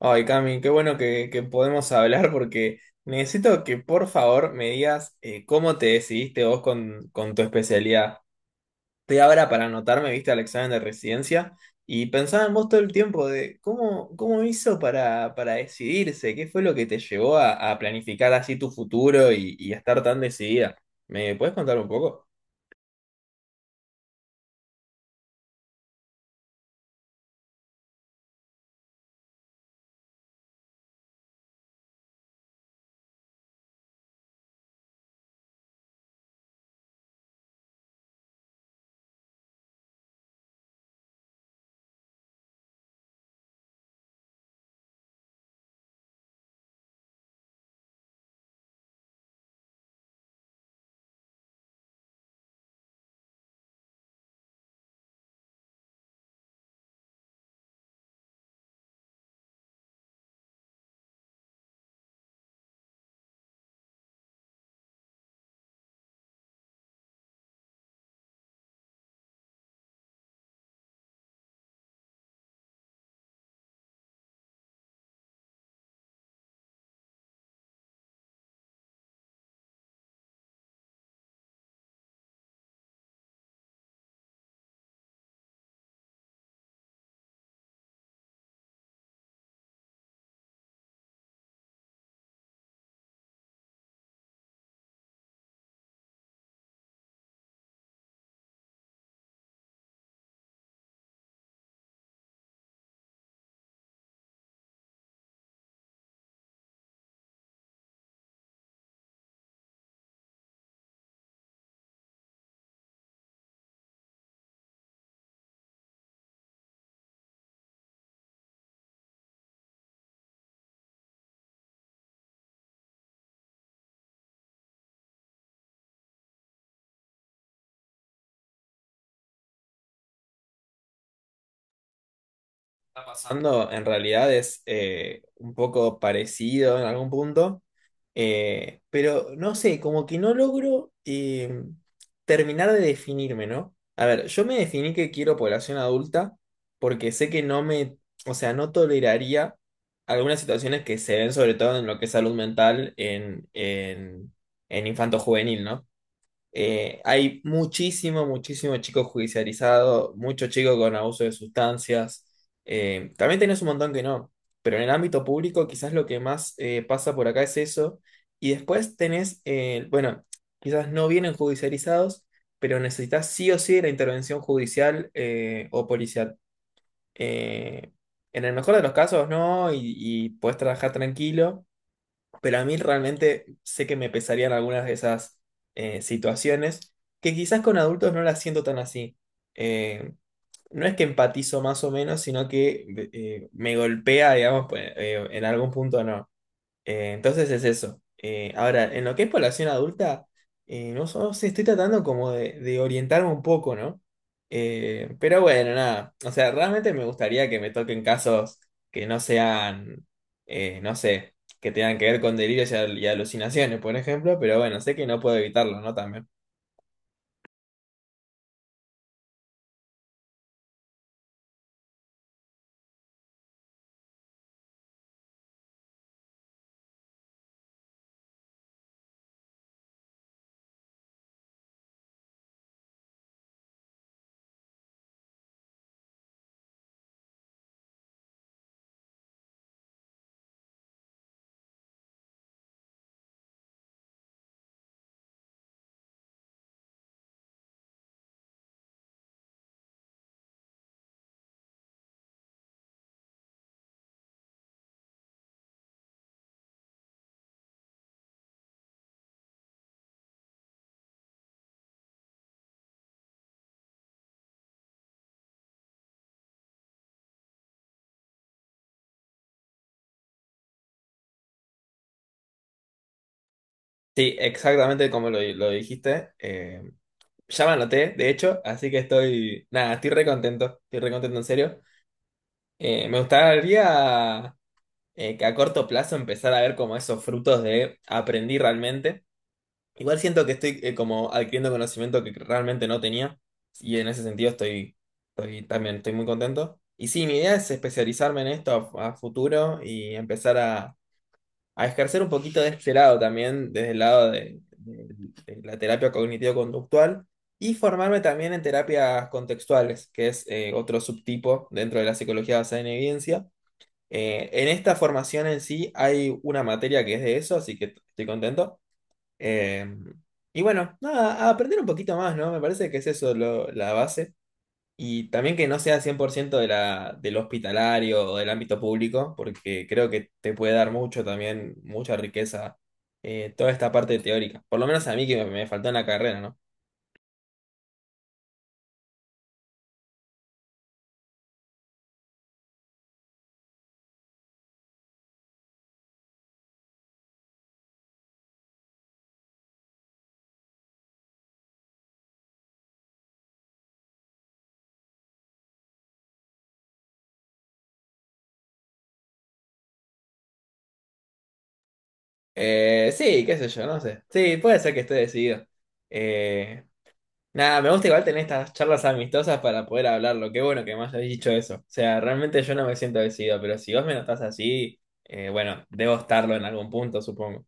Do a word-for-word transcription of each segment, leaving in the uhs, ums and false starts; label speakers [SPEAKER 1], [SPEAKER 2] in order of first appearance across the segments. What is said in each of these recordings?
[SPEAKER 1] Ay, Cami, qué bueno que, que podemos hablar porque necesito que por favor me digas eh, cómo te decidiste vos con, con tu especialidad. Estoy ahora para anotarme, viste, al examen de residencia y pensaba en vos todo el tiempo de cómo, cómo hizo para, para decidirse, qué fue lo que te llevó a, a planificar así tu futuro y, y a estar tan decidida. ¿Me puedes contar un poco? Está pasando en realidad es eh, un poco parecido en algún punto, eh, pero no sé, como que no logro eh, terminar de definirme, ¿no? A ver, yo me definí que quiero población adulta porque sé que no me, o sea, no toleraría algunas situaciones que se ven sobre todo en lo que es salud mental en, en, en infanto juvenil, ¿no? Eh, hay muchísimo, muchísimo chico judicializado, mucho chico con abuso de sustancias. Eh, también tenés un montón que no, pero en el ámbito público quizás lo que más eh, pasa por acá es eso. Y después tenés, eh, bueno, quizás no vienen judicializados, pero necesitas sí o sí de la intervención judicial eh, o policial. Eh, en el mejor de los casos no, y, y podés trabajar tranquilo, pero a mí realmente sé que me pesarían algunas de esas eh, situaciones que quizás con adultos no las siento tan así. Eh, no es que empatizo más o menos, sino que eh, me golpea, digamos, pues, eh, en algún punto no. Eh, entonces es eso. Eh, ahora, en lo que es población adulta, eh, no, so- no sé, estoy tratando como de, de orientarme un poco, ¿no? Eh, pero bueno, nada. O sea, realmente me gustaría que me toquen casos que no sean, eh, no sé, que tengan que ver con delirios y, al- y alucinaciones, por ejemplo, pero bueno, sé que no puedo evitarlo, ¿no? También. Sí, exactamente como lo, lo dijiste. Eh, ya me anoté, de hecho, así que estoy, nada, estoy re contento, estoy re contento en serio. Eh, me gustaría eh, que a corto plazo empezar a ver como esos frutos de aprendí realmente. Igual siento que estoy eh, como adquiriendo conocimiento que realmente no tenía y en ese sentido estoy, estoy también estoy muy contento. Y sí, mi idea es especializarme en esto a, a futuro y empezar a, a ejercer un poquito de este lado también, desde el lado de, de- de la terapia cognitivo-conductual. Y formarme también en terapias contextuales, que es eh, otro subtipo dentro de la psicología basada en evidencia, eh, en esta formación en sí hay una materia que es de eso, así que estoy contento. Eh, y bueno, nada, a aprender un poquito más, ¿no? Me parece que es eso lo- la base. Y también que no sea cien por ciento de la, del hospitalario o del ámbito público, porque creo que te puede dar mucho también, mucha riqueza, eh, toda esta parte teórica. Por lo menos a mí que me, me faltó en la carrera, ¿no? Eh, sí, qué sé yo, no sé. Sí, puede ser que esté decidido. Eh, Nada, me gusta igual tener estas charlas amistosas para poder hablarlo. Qué bueno que me hayas dicho eso. O sea, realmente yo no me siento decidido, pero si vos me notás así, eh, bueno, debo estarlo en algún punto, supongo.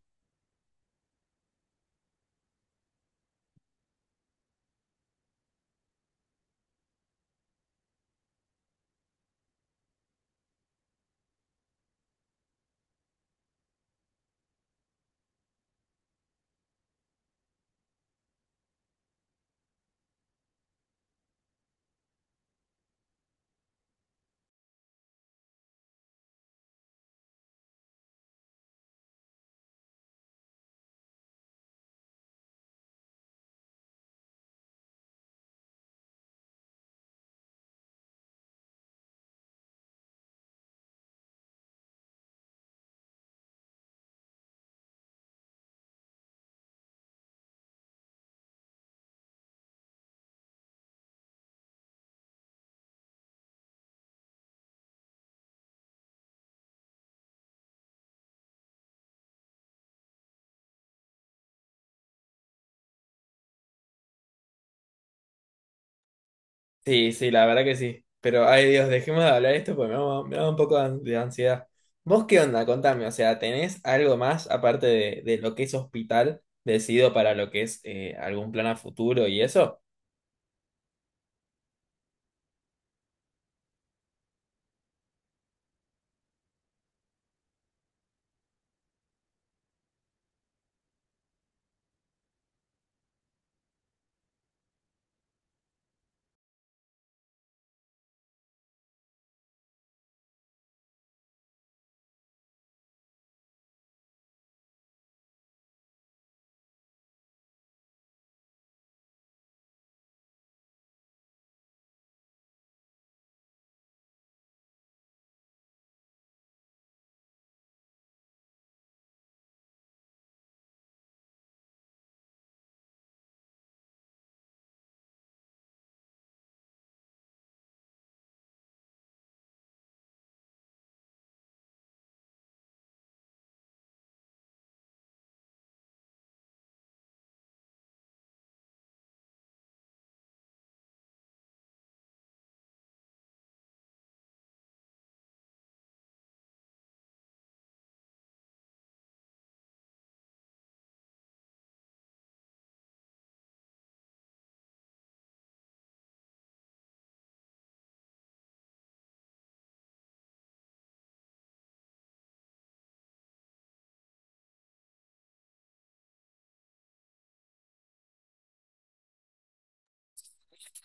[SPEAKER 1] Sí, sí, la verdad que sí. Pero, ay Dios, dejemos de hablar esto porque me da, me da un poco de an- de ansiedad. ¿Vos qué onda? Contame, o sea, ¿tenés algo más aparte de, de lo que es hospital decidido para lo que es eh, algún plan a futuro y eso?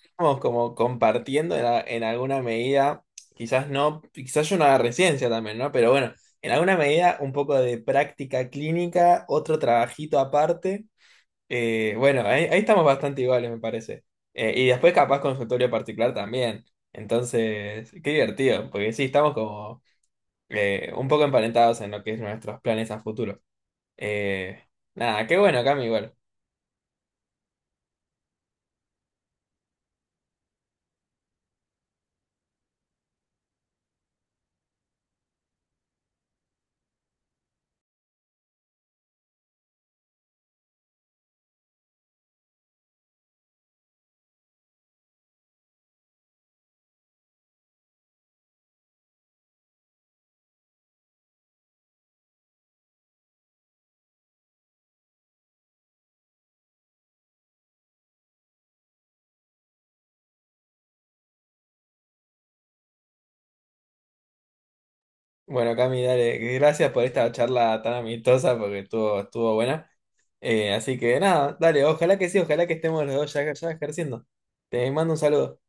[SPEAKER 1] Estamos como compartiendo en, a- en alguna medida, quizás no, quizás yo no haga residencia también, ¿no? Pero bueno, en alguna medida un poco de práctica clínica, otro trabajito aparte. Eh, bueno, ahí, ahí estamos bastante iguales, me parece. Eh, y después capaz consultorio particular también. Entonces, qué divertido, porque sí, estamos como eh, un poco emparentados en lo que es nuestros planes a futuro. Eh, nada, qué bueno, Cami, igual. Bueno, Cami, dale, gracias por esta charla tan amistosa porque estuvo, estuvo buena. Eh, así que nada, dale, ojalá que sí, ojalá que estemos los dos ya, ya ejerciendo. Te mando un saludo.